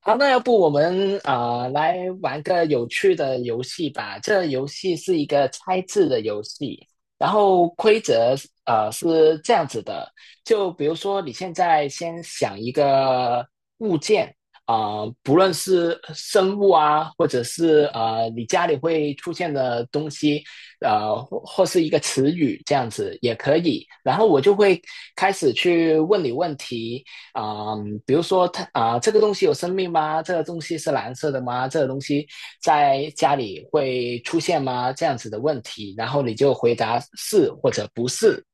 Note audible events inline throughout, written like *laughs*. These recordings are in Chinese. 好，那要不我们来玩个有趣的游戏吧。这游戏是一个猜字的游戏，然后规则是这样子的，就比如说你现在先想一个物件啊、不论是生物啊，或者是你家里会出现的东西，呃或或是一个词语这样子也可以，然后我就会开始去问你问题。比如说它这个东西有生命吗？这个东西是蓝色的吗？这个东西在家里会出现吗？这样子的问题，然后你就回答是或者不是，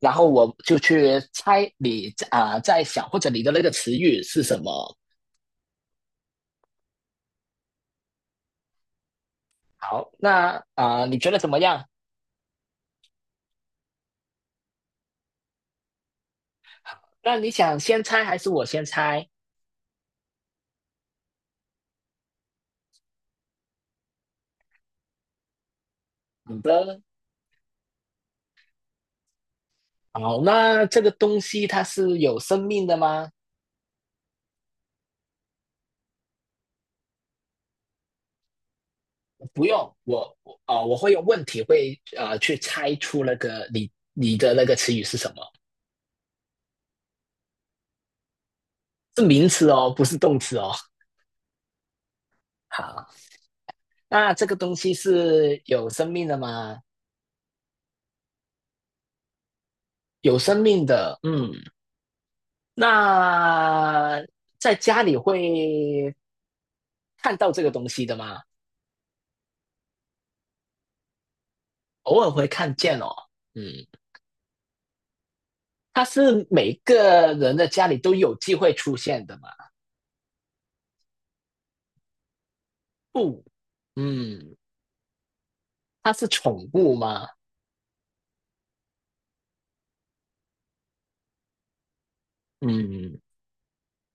然后我就去猜你在想或者你的那个词语是什么。好，那你觉得怎么样？那你想先猜还是我先猜？好的，好，那这个东西它是有生命的吗？不用，我我会用问题去猜出那个你的那个词语是什么，是名词哦，不是动词哦。好，那这个东西是有生命的吗？有生命的，嗯，那在家里会看到这个东西的吗？偶尔会看见哦，嗯，它是每个人的家里都有机会出现的吗？不，嗯，它是宠物吗？嗯，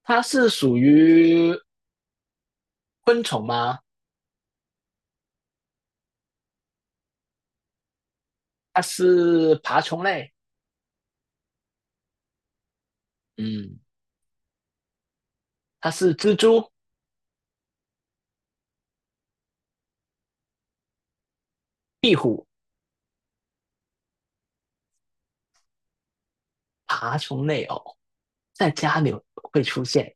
它是属于昆虫吗？它是爬虫类？嗯，它是蜘蛛、壁虎、爬虫类哦，在家里会出现，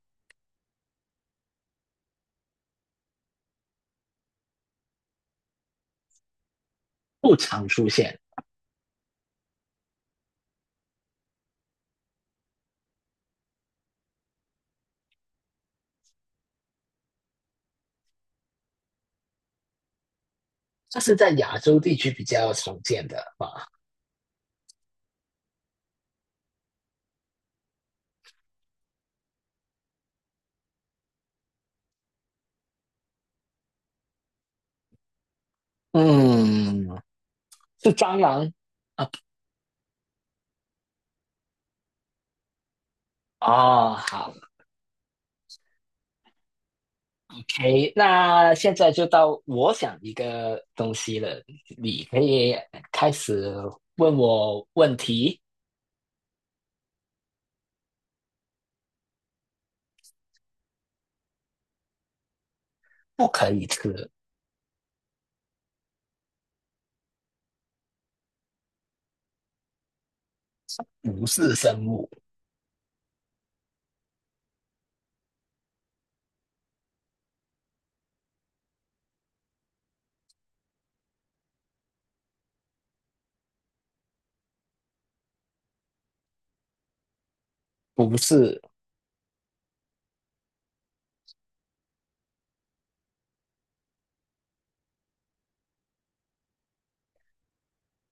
不常出现。它是在亚洲地区比较常见的吧？嗯，是蟑螂哦。好，OK，那现在就到我想一个东西了，你可以开始问我问题。不可以吃，不是生物，不是，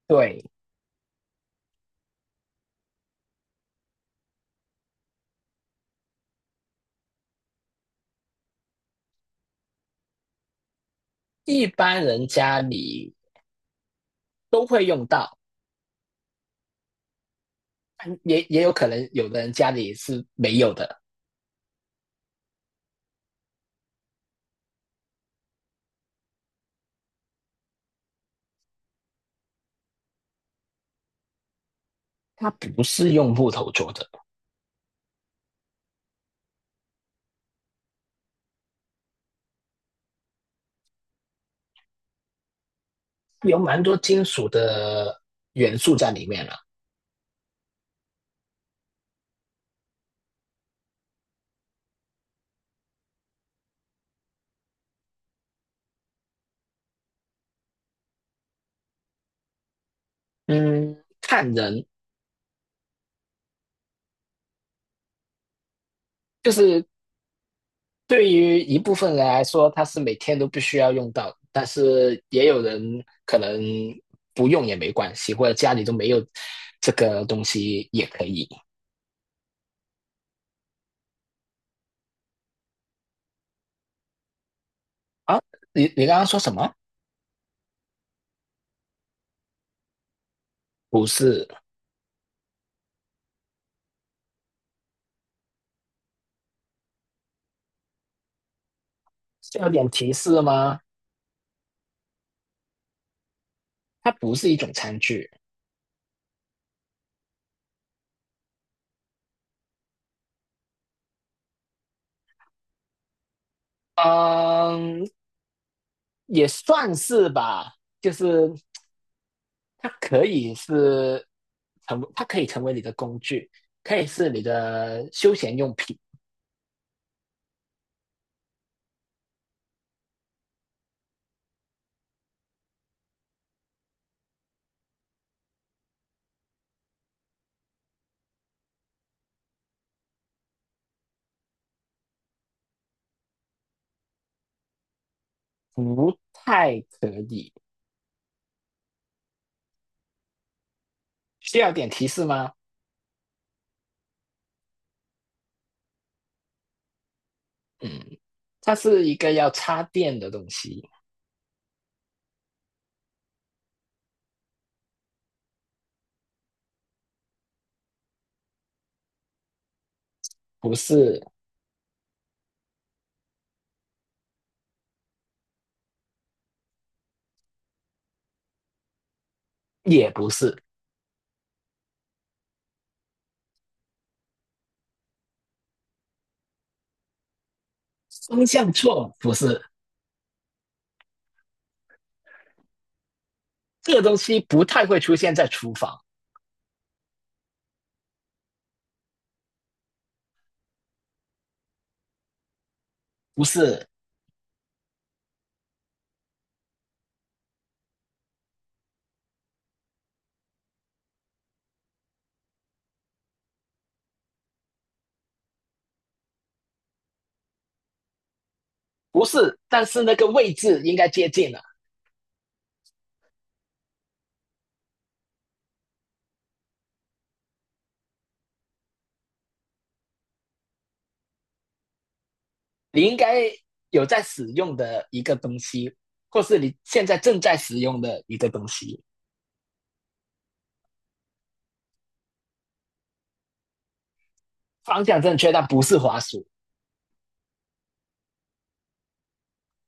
对，一般人家里都会用到，嗯也也有可能有的人家里是没有的。它不是用木头做的，有蛮多金属的元素在里面了。嗯，看人，就是对于一部分人来说，它是每天都必须要用到，但是也有人可能不用也没关系，或者家里都没有这个东西也可以啊。你刚刚说什么？不是，是有点提示吗？它不是一种餐具，嗯，也算是吧，就是它可以是它可以成为你的工具，可以是你的休闲用品，不太可以。需要点提示吗？嗯，它是一个要插电的东西，不是，也不是，方向错了，不是。这个东西不太会出现在厨房，不是，不是，但是那个位置应该接近了。你应该有在使用的一个东西，或是你现在正在使用的一个东西。方向正确，但不是滑鼠，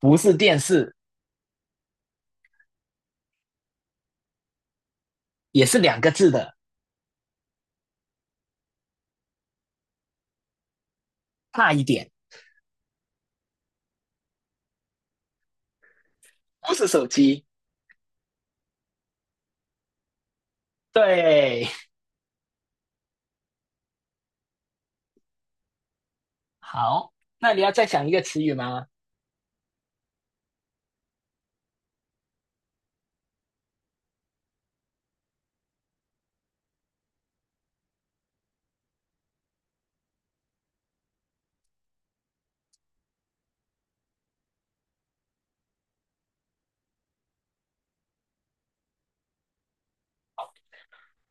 不是电视，也是两个字的，差一点，不是手机。对，好，那你要再想一个词语吗？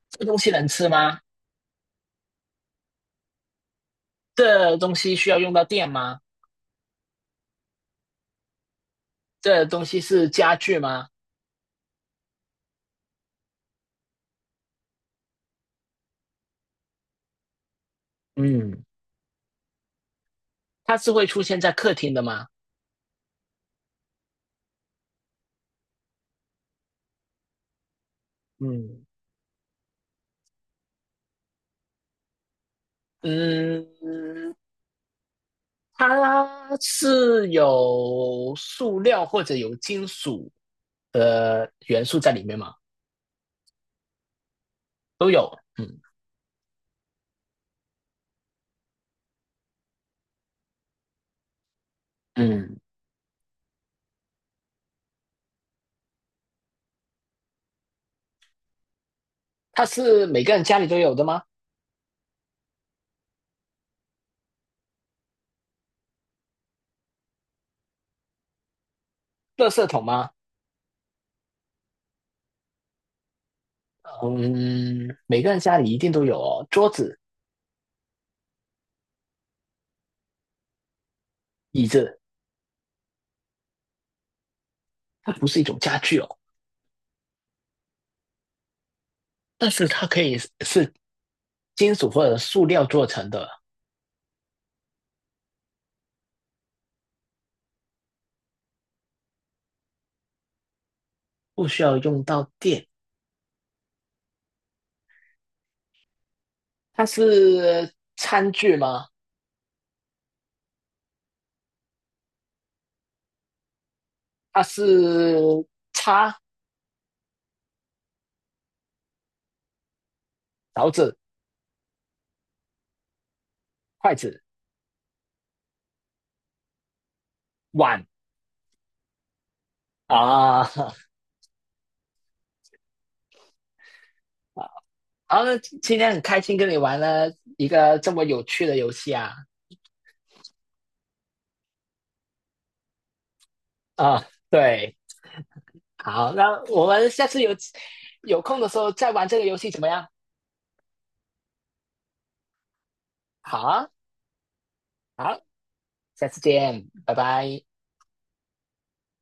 这东西能吃吗？这东西需要用到电吗？这东西是家具吗？嗯，它是会出现在客厅的吗？嗯嗯，它是有塑料或者有金属的元素在里面吗？都有。嗯嗯，它是每个人家里都有的吗？垃圾桶吗？嗯，每个人家里一定都有哦。桌子、椅子，它不是一种家具哦，但是它可以是金属或者塑料做成的，不需要用到电。它是餐具吗？它是叉、勺子、筷子、碗啊 *laughs* 啊，今天很开心跟你玩了一个这么有趣的游戏啊！啊，对，好，那我们下次有空的时候再玩这个游戏怎么样？好啊，好，下次见，拜拜。